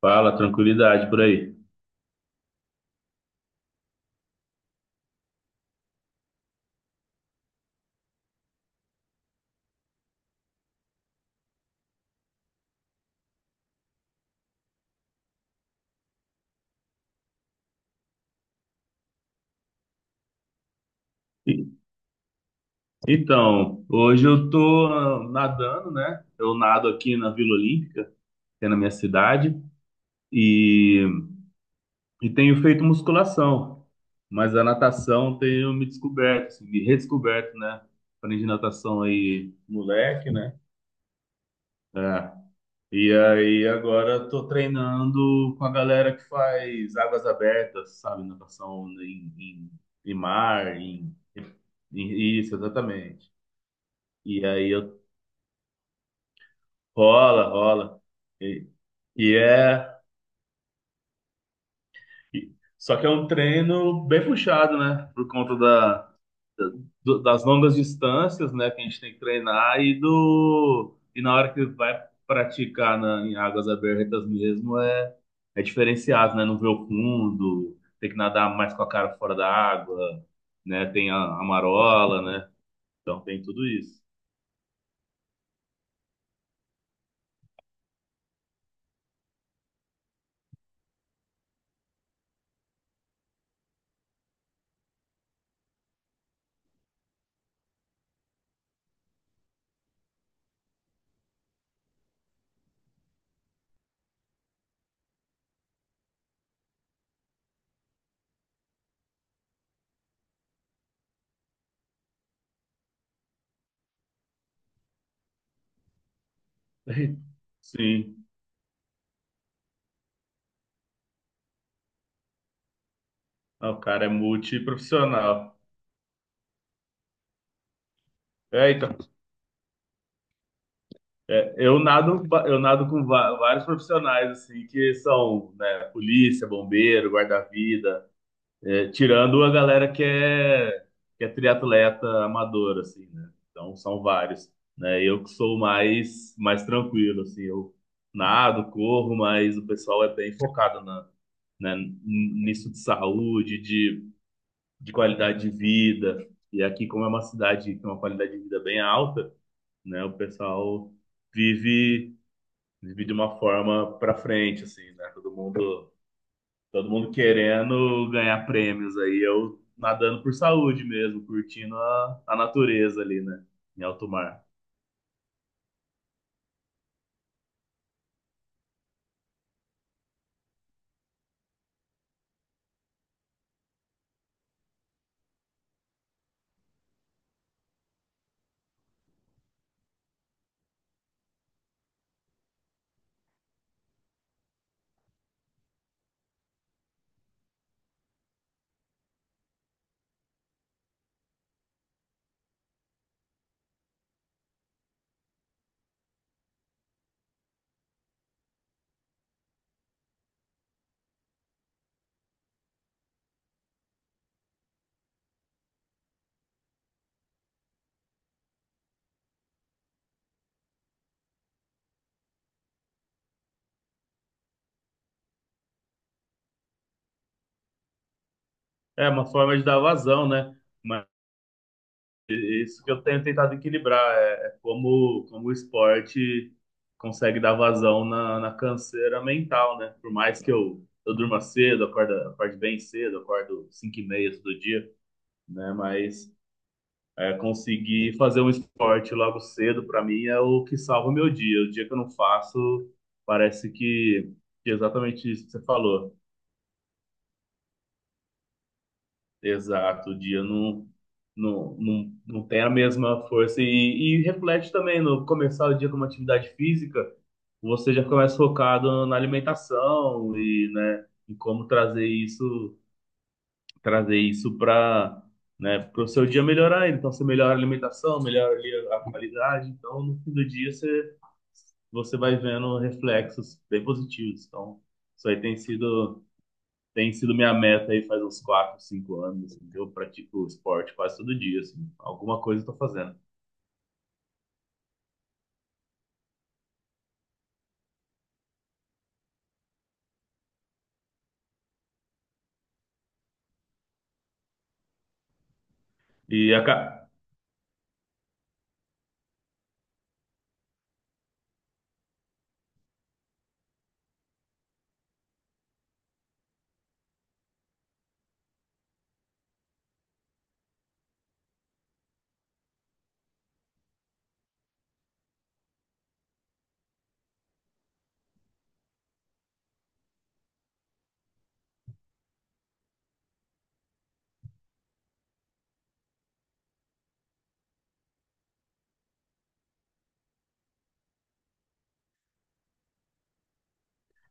Fala, tranquilidade por aí. E- Então, hoje eu tô nadando, né? Eu nado aqui na Vila Olímpica, que é na minha cidade, e, e tenho feito musculação, mas a natação tenho me descoberto, assim, me redescoberto, né? Aprendi natação aí, moleque, né? É. E aí agora eu tô treinando com a galera que faz águas abertas, sabe? Natação em mar, isso, exatamente. E aí eu Rola, rola. E, e é. e- Só que é um treino bem puxado, né? Por conta das longas distâncias, né? Que a gente tem que treinar. E na hora que vai praticar em águas abertas mesmo, é diferenciado, né? Não vê o fundo, tem que nadar mais com a cara fora da água, né? Tem a marola, né? Então tem tudo isso. Sim. Ah, o cara é multiprofissional. É, então. Eu nado com vários profissionais, assim, que são, né, polícia, bombeiro, guarda-vida, é, tirando a galera que é, triatleta amador, assim, né? Então, são vários, né? Eu que sou mais tranquilo, assim, eu nado, corro, mas o pessoal é bem focado né, nisso de saúde, de qualidade de vida. E aqui, como é uma cidade que tem uma qualidade de vida bem alta, né, o pessoal vive de uma forma para frente, assim, né? Todo mundo querendo ganhar prêmios aí, eu nadando por saúde mesmo, curtindo a natureza ali, né? Em alto mar. É uma forma de dar vazão, né? Mas é isso que eu tenho tentado equilibrar é, como o esporte consegue dar vazão na canseira mental, né? Por mais que eu durma cedo, acorde bem cedo, acordo 5h30 todo dia, né? Mas é, conseguir fazer um esporte logo cedo, para mim, é o que salva o meu dia. O dia que eu não faço, parece que é exatamente isso que você falou. Exato, o dia não tem a mesma força. E reflete também no começar o dia com uma atividade física, você já começa focado na alimentação e, né, em como trazer isso para o seu dia melhorar. Ele. Então, você melhora a alimentação, melhora ali a qualidade. Então, no fim do dia, você vai vendo reflexos bem positivos. Então, isso aí tem sido, minha meta aí faz uns 4, 5 anos, assim, que eu pratico esporte quase todo dia, assim. Alguma coisa eu tô fazendo. E, aca-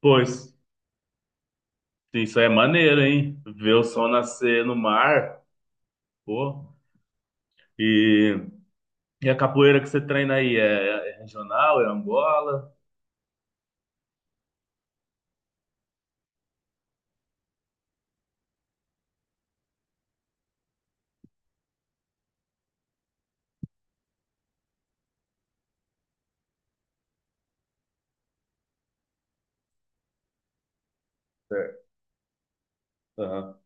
Pois, isso aí é maneiro, hein? Ver o sol nascer no mar, pô. E, e a capoeira que você treina aí, é, é, regional, é Angola? Aham.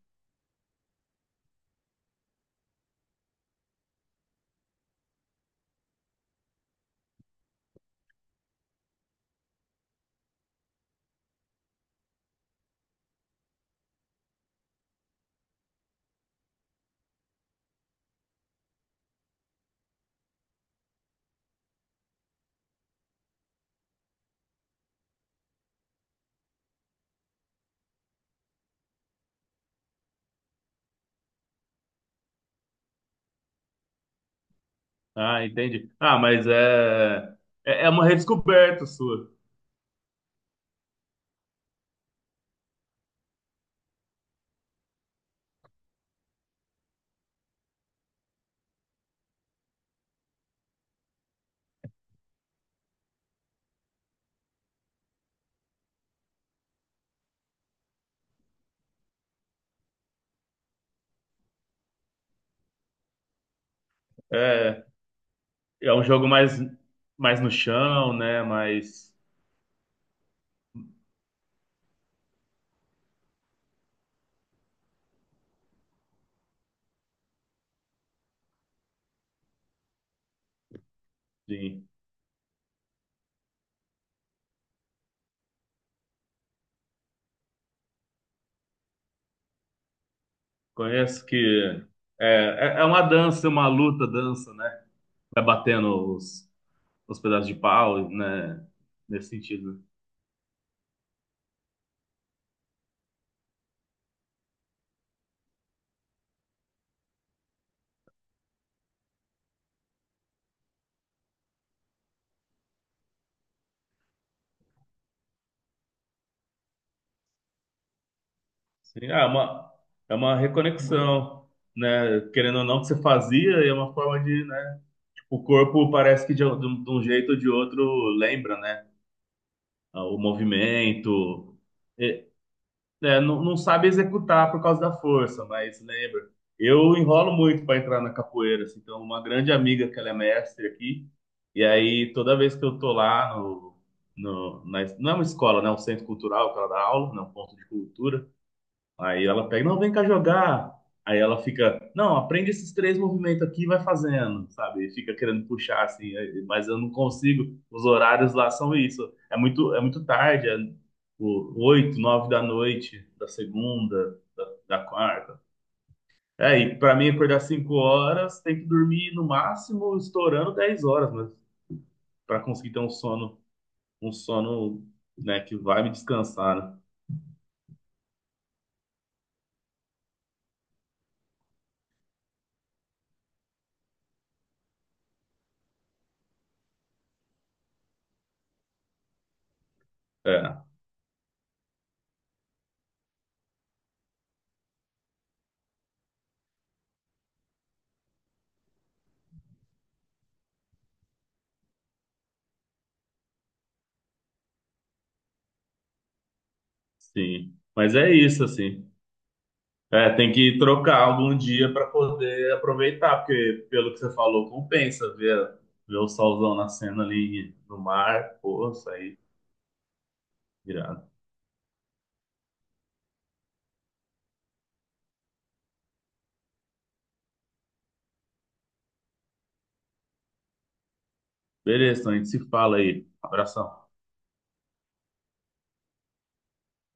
Ah, entendi. Ah, mas é uma redescoberta sua. É, é um jogo mais no chão, né? Mais, sim, conheço que é uma dança, uma luta, dança, né? Vai batendo os pedaços de pau, né? Nesse sentido. Sim, ah, é uma reconexão, né? Querendo ou não, que você fazia, e é uma forma de, né? O corpo parece de um jeito ou de outro lembra, né? O movimento. É, é, não sabe executar por causa da força, mas lembra. Eu enrolo muito para entrar na capoeira, assim, então uma grande amiga que ela é mestre aqui, e aí toda vez que eu tô lá não é uma escola, né, é um centro cultural que ela dá aula, né, um ponto de cultura. Aí ela pega, não, vem cá jogar. Aí ela fica, não, aprende esses três movimentos aqui e vai fazendo, sabe? E fica querendo puxar assim, mas eu não consigo. Os horários lá são isso. É muito tarde, é 8, 9 da noite, da segunda, da quarta. É, e para mim acordar 5 horas, tem que dormir no máximo estourando 10 horas, mas para conseguir ter um sono, um sono, né, que vai me descansar, né? É, sim. Mas é isso, assim. É, tem que trocar algum dia para poder aproveitar, porque pelo que você falou, compensa ver o solzão nascendo ali no mar. Pô, isso aí, irado. Beleza, então a gente se fala aí. Abração.